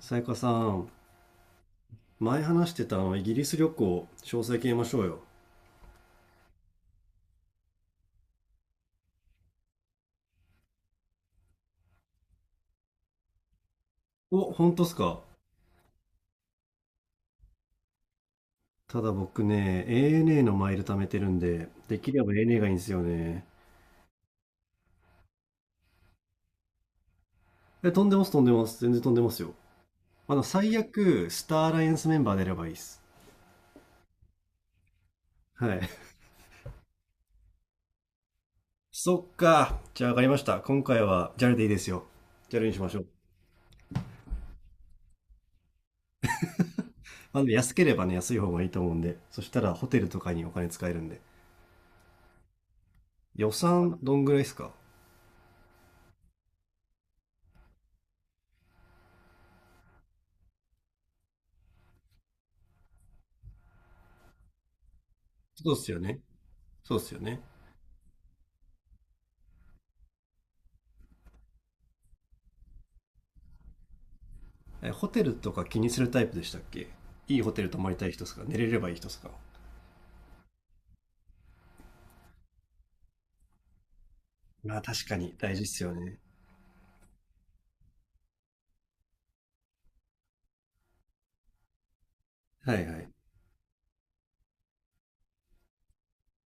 さやかさん、前話してたイギリス旅行、詳細決めましょうよ。お、本当っすか？ただ僕ね、ANA のマイル貯めてるんで、できれば ANA がいいんですよね。え、飛んでます、飛んでます。全然飛んでますよ。最悪、スターアライアンスメンバー出ればいいっす。はい。そっか。じゃあ分かりました。今回は JAL でいいですよ。JAL にしましょう。まあ、でも安ければね、安い方がいいと思うんで。そしたらホテルとかにお金使えるんで。予算どんぐらいっすか？そうっすよね。そうっすよね。えホテルとか気にするタイプでしたっけ？いいホテル泊まりたい人ですか、寝れればいい人ですか？まあ確かに大事っすよね。はいはい。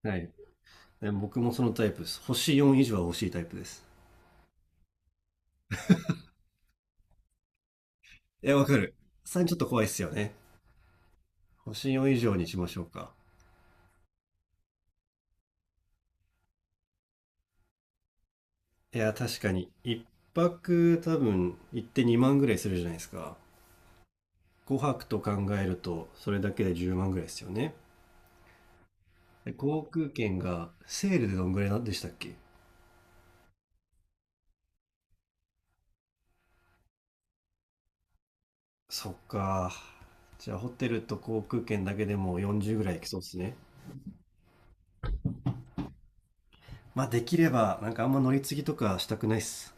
はい。え僕もそのタイプです。星4以上は欲しいタイプです。いや、わかる。3ちょっと怖いっすよね。星4以上にしましょうか。いや、確かに。1泊多分行って2万ぐらいするじゃないですか。5泊と考えると、それだけで10万ぐらいですよね。で航空券がセールでどんぐらいなんでしたっけ？そっか。じゃあホテルと航空券だけでも40ぐらいいきそうですね。まあできれば、あんま乗り継ぎとかしたくないっす。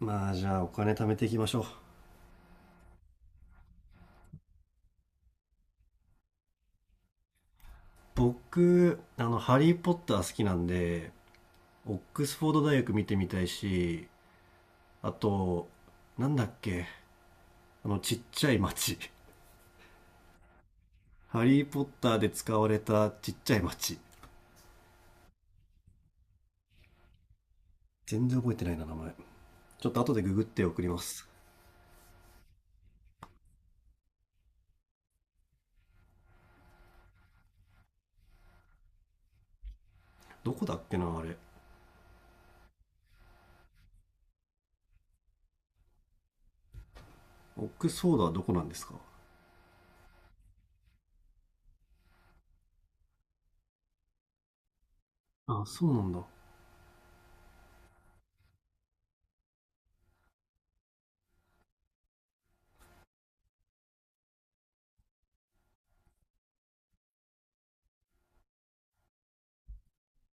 まあじゃあお金貯めていきましょう。僕、ハリー・ポッター好きなんで、オックスフォード大学見てみたいし、あと、なんだっけ、あのちっちゃい町。ハリー・ポッターで使われたちっちゃい町。全然覚えてないな、名前。ちょっと後でググって送ります。どこだっけな、あれ。オックスフォードはどこなんですか？あ、そうなんだ。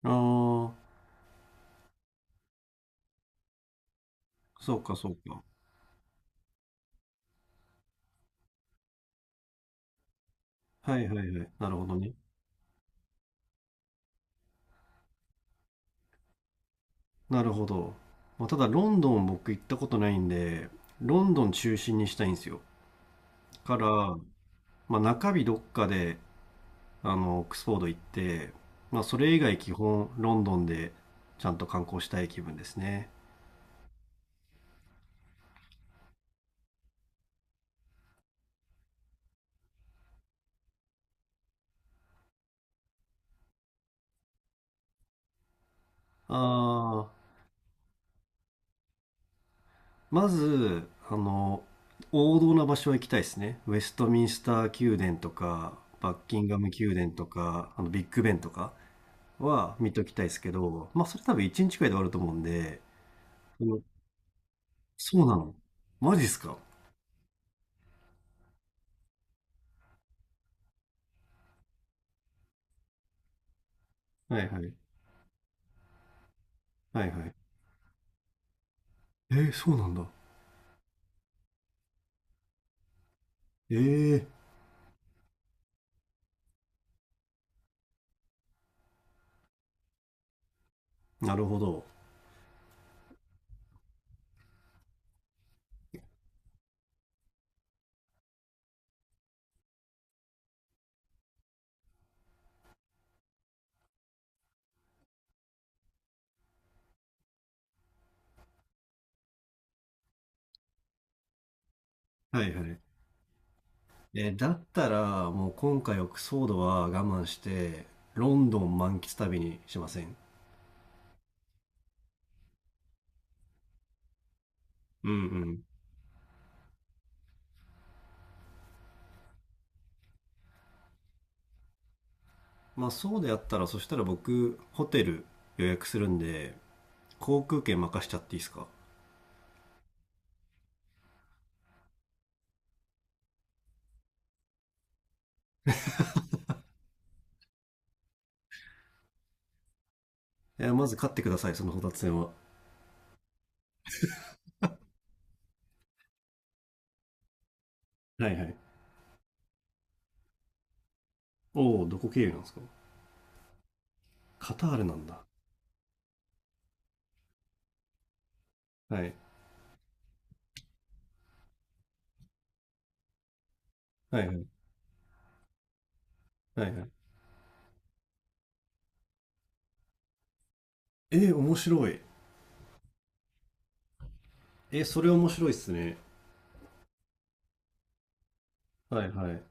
ああ、そうかそうか。はいはいはい。なるほどね。なるほど。まあ、ただロンドン僕行ったことないんで、ロンドン中心にしたいんですよ。から、まあ、中日どっかで、オックスフォード行って、まあ、それ以外基本ロンドンでちゃんと観光したい気分ですね。ああ、まず、王道な場所は行きたいですね。ウェストミンスター宮殿とか、バッキンガム宮殿とか、ビッグベンとか。は見ときたいですけど、まあそれ多分1日くらいで終わると思うんで、そのそうなの？マジっすか？はいはい。はいはい。えー、そうなんだ。えー、なるほど。はいはい。えーだったら、もう今回はクソードは我慢して、ロンドン満喫旅にしません？うんうん。まあそうであったら、そしたら僕、ホテル予約するんで、航空券任しちゃっていいですか？えーまず買ってください、そのホタテ船は。はいはい。おお、どこ経由なんですか？カタールなんだ。はい。はいはい。はいはい。えー、面白い。えー、それ面白いっすね。はいはい。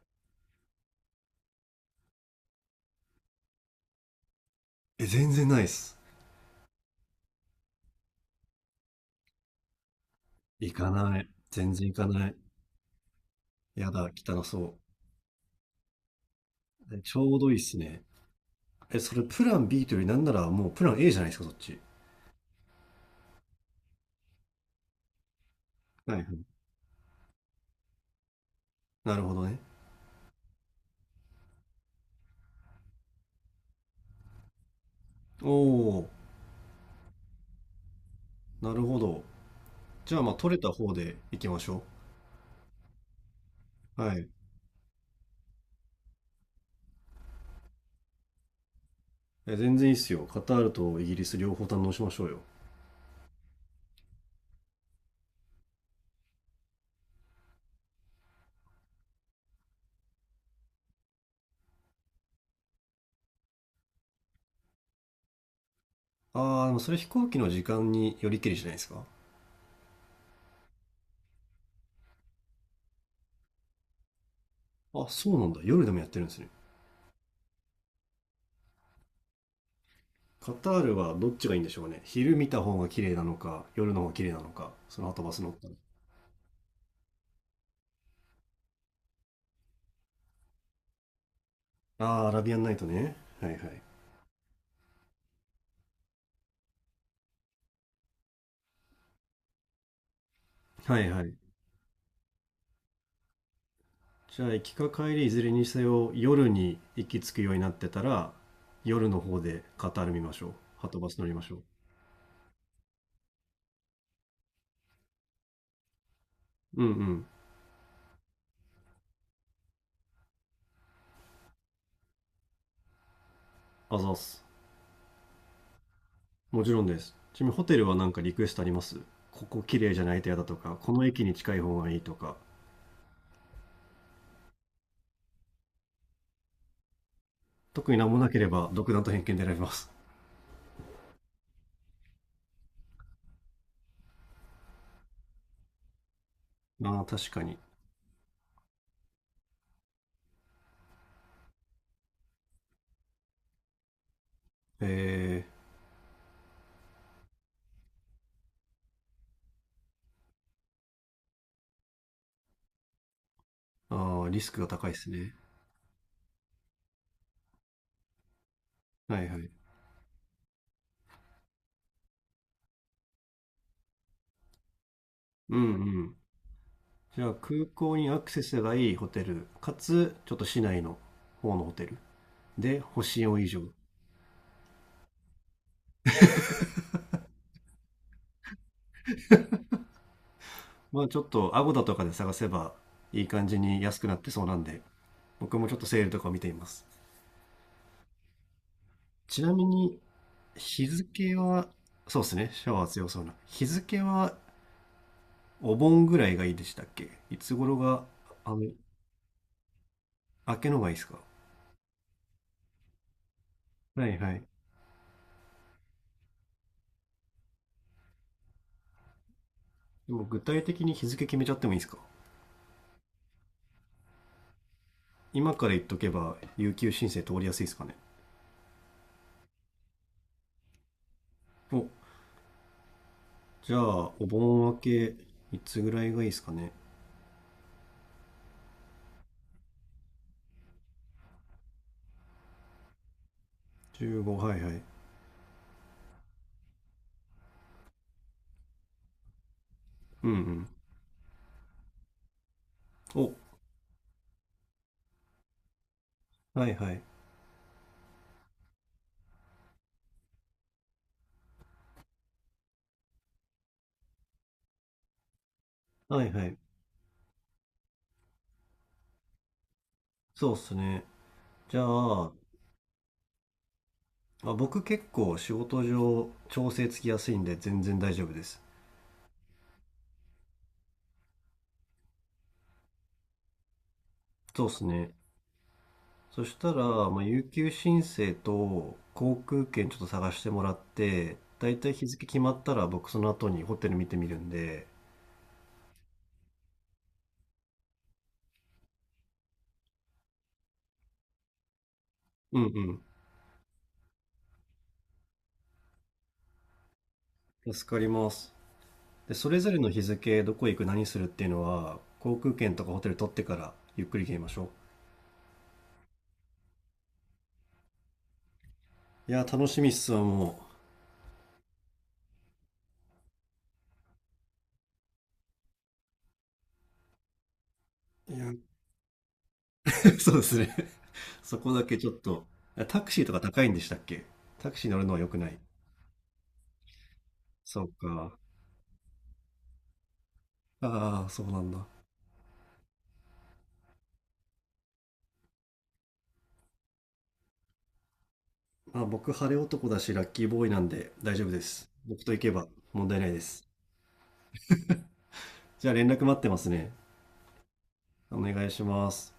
え、全然ないっす。行かない。全然行かない。やだ、汚そう。えちょうどいいっすね。え、それプラン B というよりなんならもうプラン A じゃないですか、そっち。はいはい。なるほどね。おー、なるほど。じゃあまあ取れた方で行きましょう。はい。え、全然いいっすよ。カタールとイギリス両方堪能しましょうよ。あー、でもそれ飛行機の時間によりけりじゃないですか。あ、そうなんだ。夜でもやってるんですね。カタールはどっちがいいんでしょうね。昼見た方が綺麗なのか、夜の方が綺麗なのか、その後バス乗ったら。ああ、アラビアンナイトね。はいはい。はいはい。じゃあ、行きか帰りいずれにせよ、夜に行き着くようになってたら、夜の方でカタール見ましょう。はとバス乗りましょう。うんうん。あざっす。もちろんです。ちなみにホテルはなんかリクエストあります？ここ綺麗じゃないと嫌だとか、この駅に近い方がいいとか、特になんもなければ独断と偏見で選びます。ああ、確かに。えー、ああ、リスクが高いですね。はいはい。うんうん。じゃあ空港にアクセスがいいホテル、かつちょっと市内の方のホテルで星4以上。まあちょっとアゴダとかで探せばいい感じに安くなってそうなんで、僕もちょっとセールとかを見ています。ちなみに日付は、そうですね、シャワー強そうな。日付はお盆ぐらいがいいでしたっけ？いつ頃が、あの、明けのがいいですか？はいはい。でも具体的に日付決めちゃってもいいですか？今から言っとけば有給申請通りやすいですかね？お、じゃあ、お盆明け、いつぐらいがいいですかね。15、はいはい。うんうん。お、はいはい。はいはい。そうっすね。じゃあ、あ、僕結構仕事上調整つきやすいんで全然大丈夫です。そうっすね。そしたら、まあ、有給申請と航空券ちょっと探してもらって、だいたい日付決まったら僕その後にホテル見てみるんで、うんうん。助かります。で、それぞれの日付、どこ行く、何するっていうのは、航空券とかホテル取ってからゆっくり決めましょう。いや、楽しみっすわ、もう。いや、そうですね。そこだけちょっと。タクシーとか高いんでしたっけ？タクシー乗るのは良くない。そうか。ああ、そうなんだ。まあ、僕、晴れ男だし、ラッキーボーイなんで大丈夫です。僕と行けば問題ないです。じゃあ連絡待ってますね。お願いします。